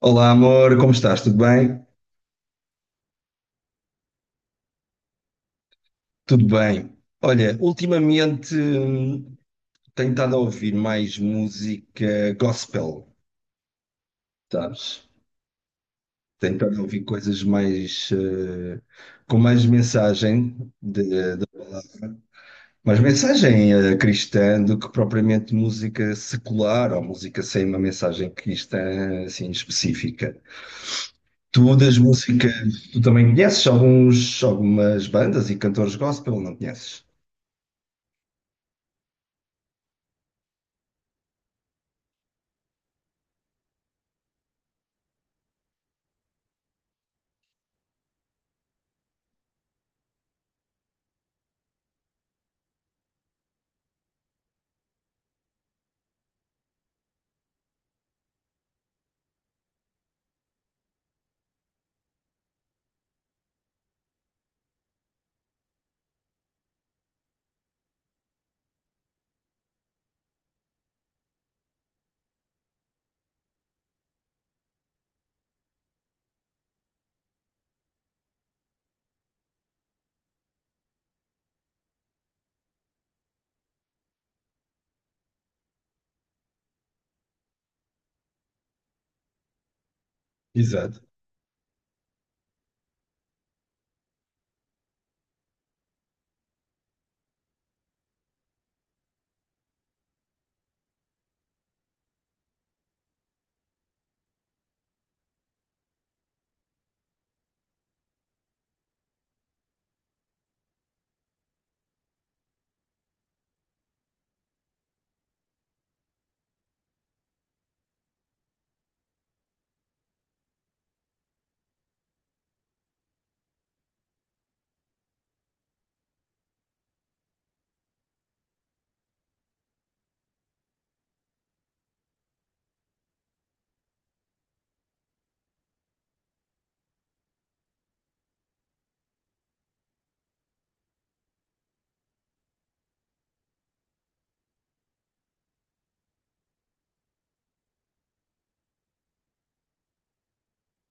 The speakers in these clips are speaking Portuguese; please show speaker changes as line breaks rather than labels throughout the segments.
Olá, amor, como estás? Tudo bem? Tudo bem. Olha, ultimamente tenho estado a ouvir mais música gospel, sabes? Tenho estado a ouvir coisas mais com mais mensagem, de, mais mensagem cristã do que propriamente música secular ou música sem uma mensagem cristã assim específica. Tu das músicas, tu também conheces algumas bandas e cantores gospel, não conheces? Exato.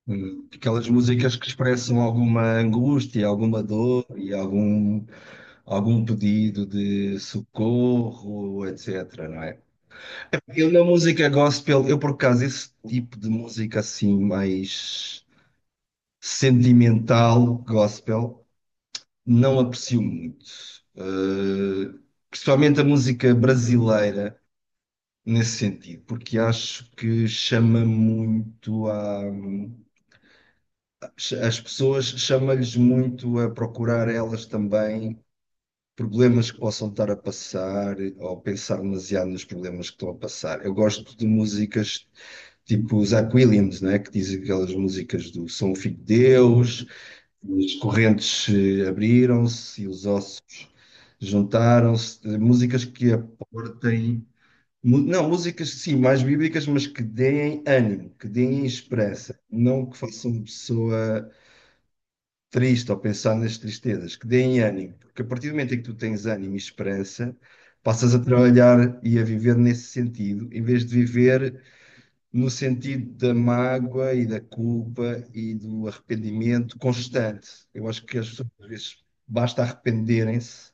Aquelas músicas que expressam alguma angústia, alguma dor e algum pedido de socorro, etc, não é? Eu na música gospel, eu por acaso esse tipo de música assim mais sentimental, gospel, não aprecio muito. Eh, Principalmente a música brasileira nesse sentido, porque acho que chama muito à as pessoas chamam lhes muito a procurar elas também problemas que possam estar a passar ou pensar demasiado nos problemas que estão a passar. Eu gosto de músicas tipo os Aquilians, né, que dizem aquelas músicas do Sou um filho de Deus, as correntes abriram-se e os ossos juntaram-se, eh, músicas que aportem Não, músicas sim, mais bíblicas, mas que deem ânimo, que deem esperança, não que façam a pessoa triste ou pensar nas tristezas, que deem ânimo, porque a partir do momento em que tu tens ânimo e esperança, passas a trabalhar e a viver nesse sentido, em vez de viver no sentido da mágoa e da culpa e do arrependimento constante. Eu acho que as pessoas às vezes basta arrependerem-se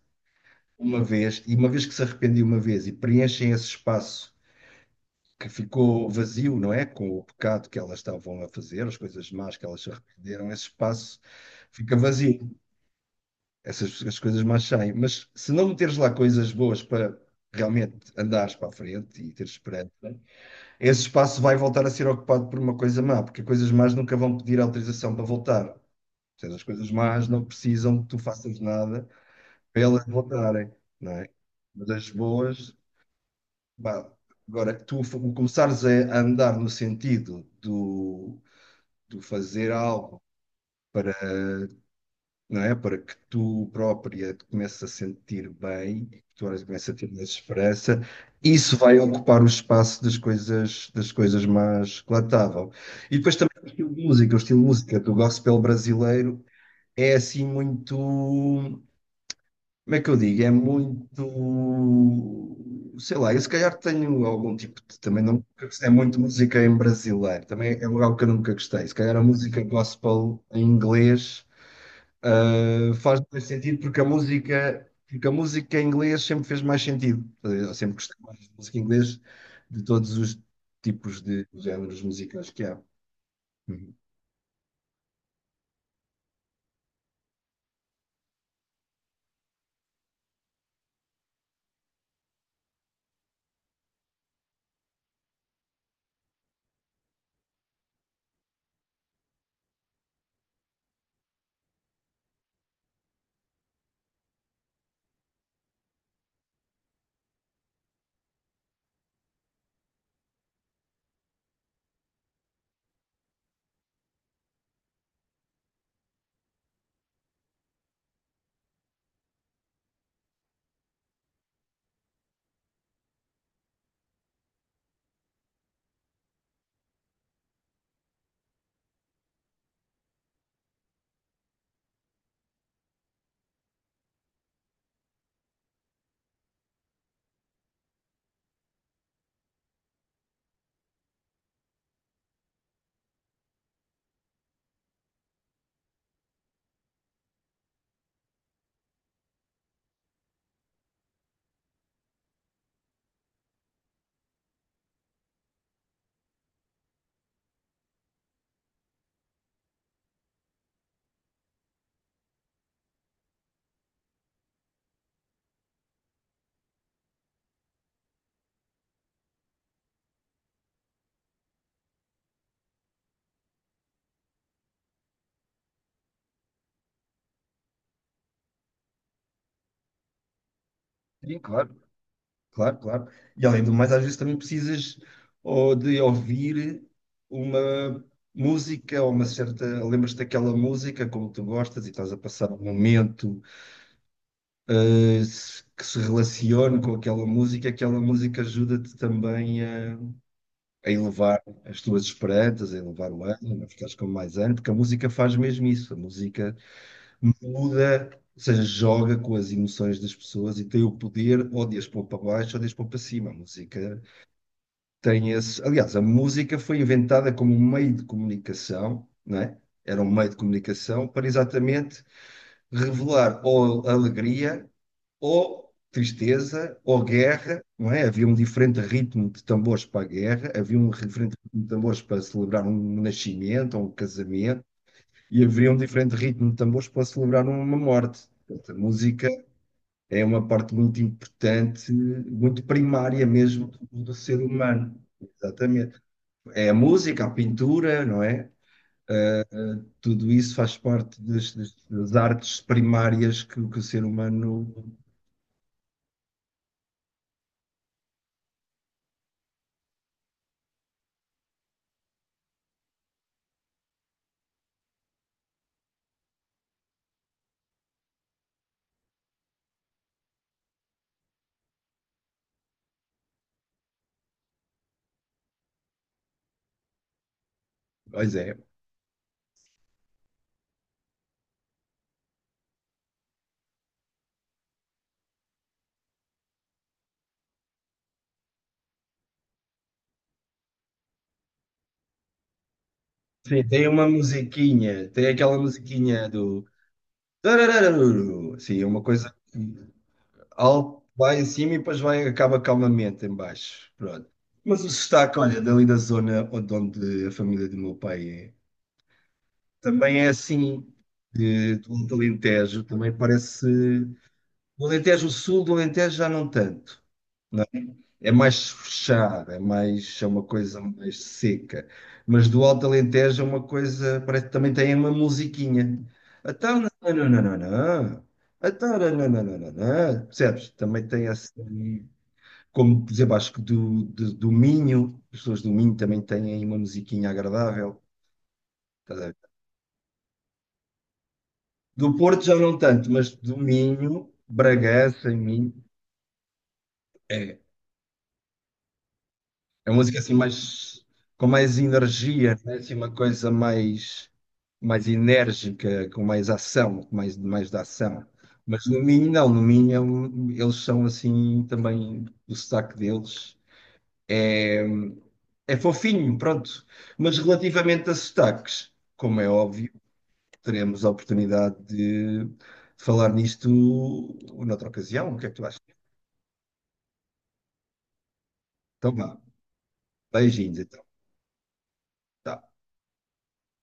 uma vez, e uma vez que se arrependem uma vez e preenchem esse espaço que ficou vazio, não é? Com o pecado que elas estavam a fazer, as coisas más que elas se arrependeram, esse espaço fica vazio essas as coisas mais saem. Mas se não meteres lá coisas boas para realmente andares para a frente e teres esperança, esse espaço vai voltar a ser ocupado por uma coisa má, porque coisas más nunca vão pedir autorização para voltar. Ou seja, as coisas más não precisam que tu faças nada para elas voltarem, não é? Mas as boas, pá, agora que tu começares a andar no sentido do fazer algo. Não é? Para que tu própria te comeces a sentir bem, que tu olhas e comeces a ter mais esperança, isso vai ocupar o espaço das das coisas más que lá estavam. E depois também o estilo de música, o estilo de música do gospel brasileiro é assim muito, como é que eu digo? É muito, sei lá, eu se calhar tenho algum tipo de, também não é muito música em brasileiro, também é algo que eu nunca gostei, se calhar a música gospel em inglês faz mais sentido porque a música em inglês sempre fez mais sentido. Eu sempre gostei mais de música em inglês de todos os tipos de géneros musicais que há. Uhum. Sim, claro, claro, claro. E além do mais, às vezes também precisas ou de ouvir uma música ou uma certa. Lembras-te daquela música como tu gostas e estás a passar um momento que se relacione com aquela música ajuda-te também a elevar as tuas esperanças, a elevar o ânimo, a ficares com mais ânimo, porque a música faz mesmo isso. A música muda, ou seja, joga com as emoções das pessoas e tem o poder ou de as pôr para baixo ou de as pôr para cima. A música tem esse. Aliás, a música foi inventada como um meio de comunicação, não é? Era um meio de comunicação para exatamente revelar ou a alegria ou tristeza, ou guerra, não é? Havia um diferente ritmo de tambores para a guerra, havia um diferente ritmo de tambores para celebrar um nascimento ou um casamento, e havia um diferente ritmo de tambores para celebrar uma morte. Portanto, a música é uma parte muito importante, muito primária mesmo do ser humano. Exatamente. É a música, a pintura, não é? Ah, ah, tudo isso faz parte das, das artes primárias que o ser humano, pois é. Sim, tem uma musiquinha, tem aquela musiquinha do tararararuru. Sim, é uma coisa que alto vai em cima e depois vai, acaba calmamente em baixo. Pronto. Mas o sotaque, olha, dali da zona onde onde a família do meu pai é, também é assim, de, do Alentejo, também parece. Do Alentejo Sul, do Alentejo já não tanto. É mais fechada, é mais, é uma coisa mais seca. Mas do Alto Alentejo é uma coisa, parece que também tem uma musiquinha. Então, não, não, não, não, não. Então, não, não, não, não, não, não. Percebes? Também tem assim, como por exemplo, acho que do Minho, as pessoas do Minho também têm aí uma musiquinha agradável. Estás a ver? Do Porto já não tanto, mas do Minho, Bragança, em Minho. É, é uma música assim mais com mais energia, né? Assim, uma coisa mais mais enérgica, com mais ação, com mais da ação. Mas no Minho não, no Minho é eles são assim também o sotaque deles é é fofinho, pronto. Mas relativamente a sotaques, como é óbvio, teremos a oportunidade de falar nisto noutra ocasião. O que é que tu achas? Então vá, beijinhos então. Tá.